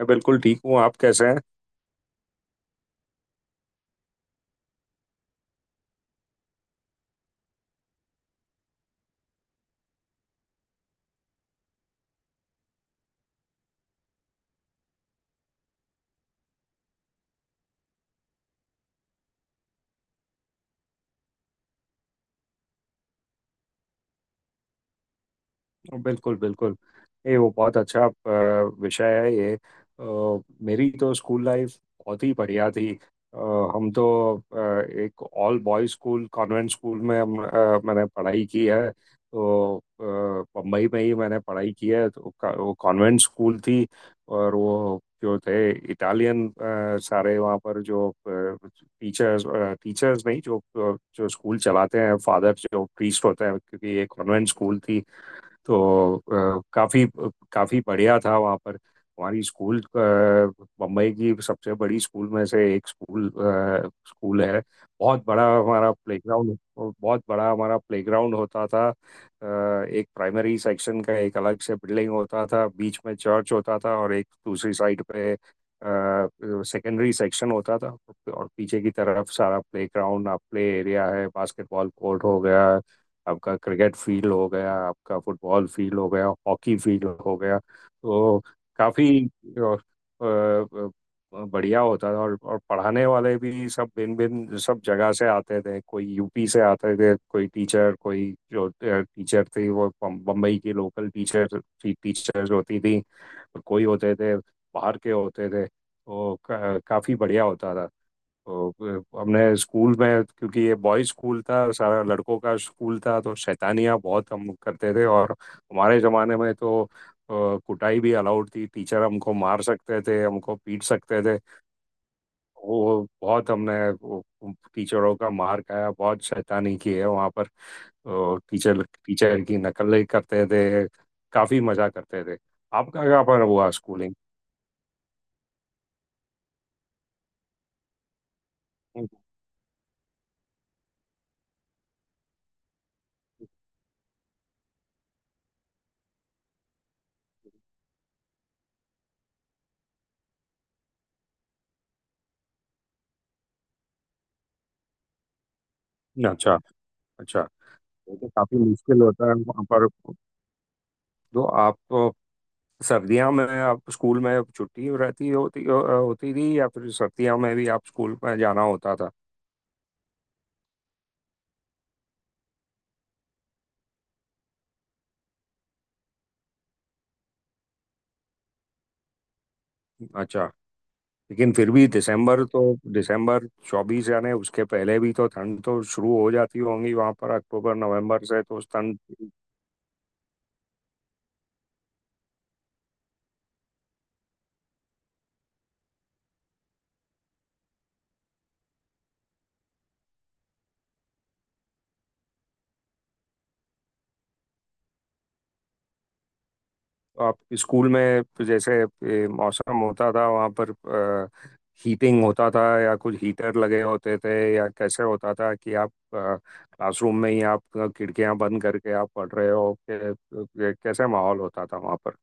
मैं बिल्कुल ठीक हूँ। आप कैसे हैं। बिल्कुल बिल्कुल। ये वो बहुत अच्छा विषय है। ये मेरी तो स्कूल लाइफ बहुत ही बढ़िया थी। हम तो एक all boys school convent school में मैंने पढ़ाई की है। तो बम्बई में ही मैंने पढ़ाई की है। तो वो कॉन्वेंट स्कूल थी। और वो जो थे इटालियन सारे वहाँ पर जो टीचर्स, टीचर्स नहीं जो जो स्कूल चलाते हैं फादर जो प्रीस्ट होते हैं क्योंकि ये कॉन्वेंट स्कूल थी। तो काफ़ी काफ़ी बढ़िया था वहाँ पर। हमारी स्कूल बम्बई की सबसे बड़ी स्कूल में से एक स्कूल स्कूल है। बहुत बड़ा हमारा प्लेग्राउंड, बहुत बड़ा हमारा प्लेग्राउंड होता था। एक प्राइमरी सेक्शन का एक अलग से बिल्डिंग होता था। बीच में चर्च होता था और एक दूसरी साइड पे सेकेंडरी सेक्शन होता था। और पीछे की तरफ सारा प्लेग्राउंड आप प्ले एरिया है, बास्केटबॉल कोर्ट हो गया, आपका क्रिकेट फील्ड हो गया, आपका फुटबॉल फील्ड हो गया, हॉकी फील्ड हो गया। तो काफ़ी बढ़िया होता था। और पढ़ाने वाले भी सब भिन्न भिन्न सब जगह से आते थे। कोई यूपी से आते थे, कोई टीचर, कोई जो टीचर थी वो बम्बई की लोकल टीचर थी, टीचर्स होती थी। और कोई होते थे बाहर के होते थे। तो काफ़ी बढ़िया होता था। तो हमने स्कूल में, क्योंकि ये बॉयज स्कूल था, सारा लड़कों का स्कूल था, तो शैतानियाँ बहुत हम करते थे। और हमारे ज़माने में तो कुटाई भी अलाउड थी। टीचर हमको मार सकते थे, हमको पीट सकते थे। वो बहुत हमने वो टीचरों का मार खाया, बहुत शैतानी की है वहाँ पर। तो टीचर टीचर की नकल करते थे, काफ़ी मज़ा करते थे। आपका क्या पर हुआ स्कूलिंग। अच्छा। अच्छा। ये तो काफी मुश्किल होता है वहाँ पर। तो आप तो सर्दियों में आप स्कूल में छुट्टी रहती होती होती थी या फिर सर्दियों में भी आप स्कूल में जाना होता था। अच्छा। लेकिन फिर भी दिसंबर तो, दिसंबर 24 यानी उसके पहले भी तो ठंड तो शुरू हो जाती होंगी वहां पर अक्टूबर नवंबर से। तो उस ठंड आप स्कूल में तो जैसे मौसम होता था वहाँ पर, हीटिंग होता था या कुछ हीटर लगे होते थे, या कैसे होता था कि आप क्लासरूम में ही आप खिड़कियां बंद करके आप पढ़ रहे हो कैसे माहौल होता था वहाँ पर।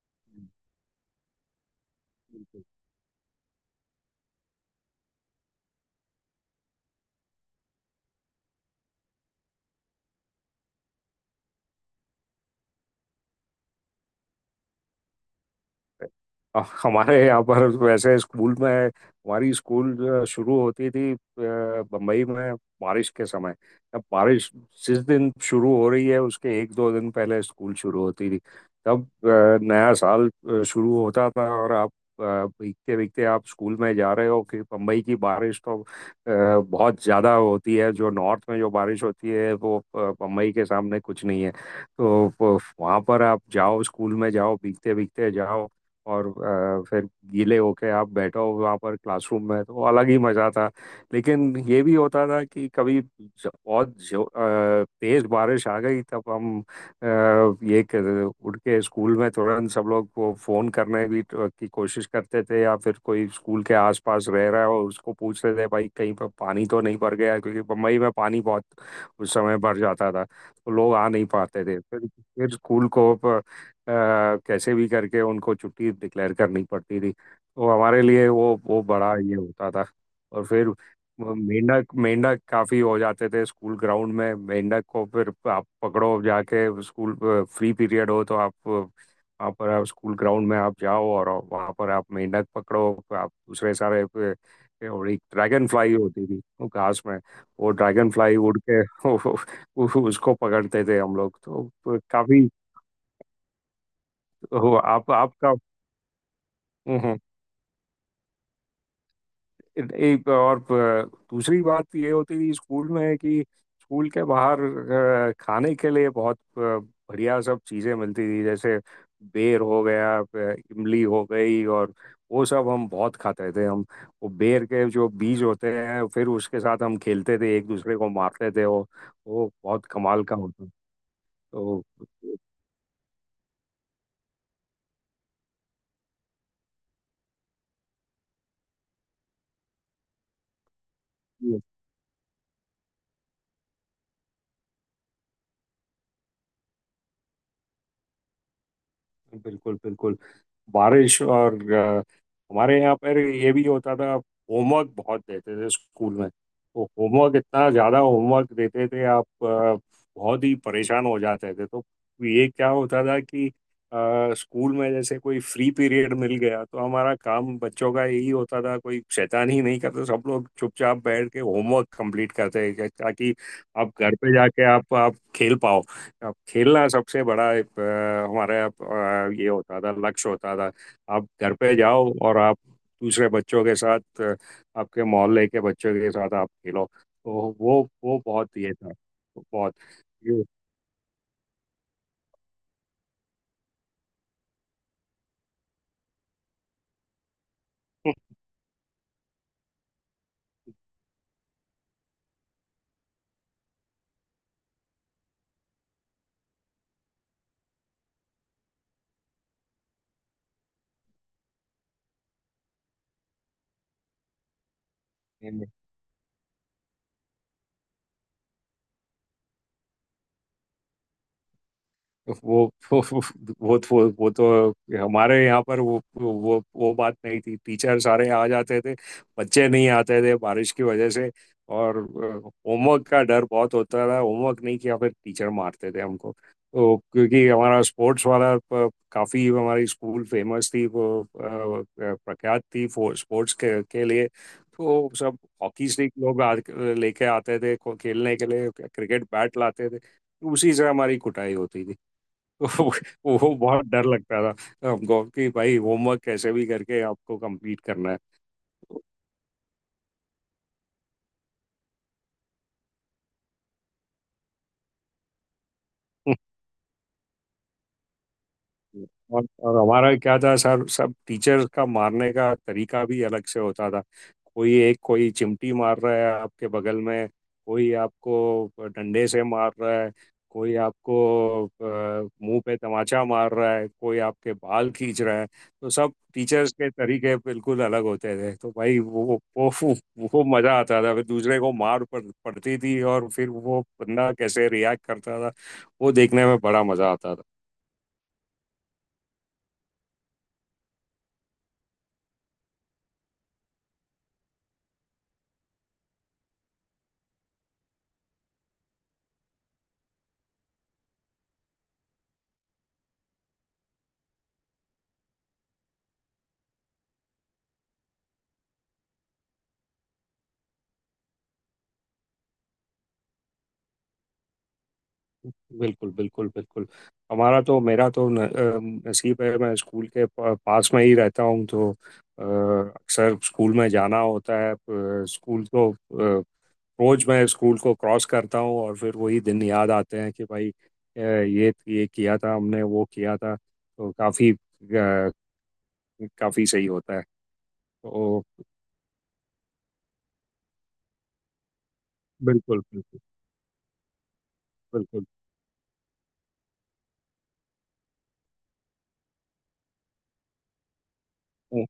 बिल्कुल। हमारे यहाँ पर वैसे स्कूल में, हमारी स्कूल जो शुरू होती थी बम्बई में बारिश के समय, अब बारिश जिस दिन शुरू हो रही है उसके एक दो दिन पहले स्कूल शुरू होती थी। तब नया साल शुरू होता था। और आप अ, भीगते भीगते आप स्कूल में जा रहे हो कि बम्बई की बारिश तो बहुत ज़्यादा होती है। जो नॉर्थ में जो बारिश होती है वो बम्बई के सामने कुछ नहीं है। तो वहाँ पर आप जाओ स्कूल में जाओ भीगते भीगते जाओ। और फिर गीले होके आप बैठो वहाँ पर क्लासरूम में तो अलग ही मज़ा था। लेकिन ये भी होता था कि कभी बहुत तेज बारिश आ गई तब हम उठ के स्कूल में तुरंत सब लोग को फ़ोन करने की कोशिश करते थे। या फिर कोई स्कूल के आसपास रह रहा है और उसको पूछते थे भाई कहीं पर पानी तो नहीं भर गया, क्योंकि बम्बई में पानी बहुत उस समय भर जाता था तो लोग आ नहीं पाते थे। फिर स्कूल को अ, कैसे भी करके उनको छुट्टी डिक्लेयर करनी पड़ती थी। तो हमारे लिए वो बड़ा ये होता था। और फिर वो मेंढक मेंढक काफी हो जाते थे स्कूल ग्राउंड में। मेंढक को फिर आप पकड़ो जाके स्कूल, फ्री पीरियड हो तो आप वहाँ पर आप स्कूल ग्राउंड में आप जाओ और वहाँ पर आप मेंढक पकड़ो। आप दूसरे सारे और एक ड्रैगन फ्लाई होती थी वो घास में। वो ड्रैगन फ्लाई उड़ के उसको पकड़ते थे हम लोग। तो काफी हो आप आपका। हम्म। एक और दूसरी बात तो ये होती थी स्कूल में कि स्कूल के बाहर खाने के लिए बहुत बढ़िया सब चीज़ें मिलती थी। जैसे बेर हो गया, इमली हो गई। और वो सब हम बहुत खाते थे। हम वो बेर के जो बीज होते हैं फिर उसके साथ हम खेलते थे, एक दूसरे को मारते थे। वो बहुत कमाल का होता था। तो बिल्कुल बिल्कुल। बारिश और हमारे यहाँ पर ये भी होता था। होमवर्क बहुत देते थे स्कूल में। तो होमवर्क इतना ज़्यादा होमवर्क देते थे, आप बहुत ही परेशान हो जाते थे। तो ये क्या होता था कि स्कूल में जैसे कोई फ्री पीरियड मिल गया तो हमारा काम बच्चों का यही होता था कोई शैतानी नहीं करते, सब लोग चुपचाप बैठ के होमवर्क कंप्लीट करते थे, ताकि आप घर पे जाके आप खेल पाओ। अब खेलना सबसे बड़ा हमारे यहाँ ये होता था, लक्ष्य होता था। आप घर पे जाओ और आप दूसरे बच्चों के साथ आपके मोहल्ले के बच्चों के साथ आप खेलो। तो वो बहुत ये था, बहुत ये- वो वो वो तो हमारे यहाँ पर वो बात नहीं थी। टीचर सारे आ जाते थे, बच्चे नहीं आते थे बारिश की वजह से। और होमवर्क का डर बहुत होता था, होमवर्क नहीं किया फिर टीचर मारते थे हमको। तो क्योंकि हमारा स्पोर्ट्स वाला काफी हमारी स्कूल फेमस थी, वो प्रख्यात थी स्पोर्ट्स के लिए। तो सब हॉकी स्टिक लोग लेके आते थे खेलने के लिए, क्रिकेट बैट लाते थे, उसी से हमारी कुटाई होती थी। वो वो बहुत डर लगता था हमको कि भाई होमवर्क कैसे भी करके आपको कंप्लीट करना है। और हमारा क्या था सर, सब टीचर का मारने का तरीका भी अलग से होता था। कोई एक कोई चिमटी मार रहा है आपके बगल में, कोई आपको डंडे से मार रहा है, कोई आपको मुंह पे तमाचा मार रहा है, कोई आपके बाल खींच रहा है। तो सब टीचर्स के तरीके बिल्कुल अलग होते थे। तो भाई वो मज़ा आता था, फिर दूसरे को मार पड़ती थी और फिर वो बंदा कैसे रिएक्ट करता था वो देखने में बड़ा मज़ा आता था। बिल्कुल बिल्कुल बिल्कुल। हमारा तो मेरा तो न, अ, नसीब है, मैं स्कूल के पास में ही रहता हूँ। तो अक्सर स्कूल में जाना होता है। स्कूल को अ, रोज मैं स्कूल को क्रॉस करता हूँ और फिर वही दिन याद आते हैं कि भाई ये किया था हमने, वो किया था। तो काफ़ी काफ़ी सही होता है। तो बिल्कुल बिल्कुल बिल्कुल।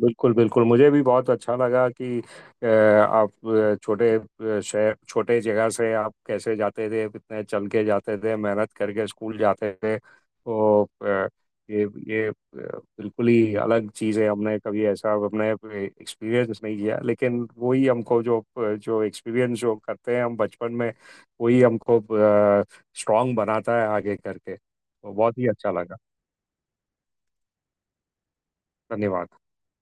बिल्कुल बिल्कुल मुझे भी बहुत अच्छा लगा कि आप छोटे शहर, छोटे जगह से आप कैसे जाते थे, कितने चल के जाते थे, मेहनत करके स्कूल जाते थे। तो ये बिल्कुल ही अलग चीज़ है, हमने कभी ऐसा अपने एक्सपीरियंस नहीं किया। लेकिन वही हमको जो जो एक्सपीरियंस जो करते हैं हम बचपन में वही हमको स्ट्रांग बनाता है आगे करके। तो बहुत ही अच्छा लगा। धन्यवाद।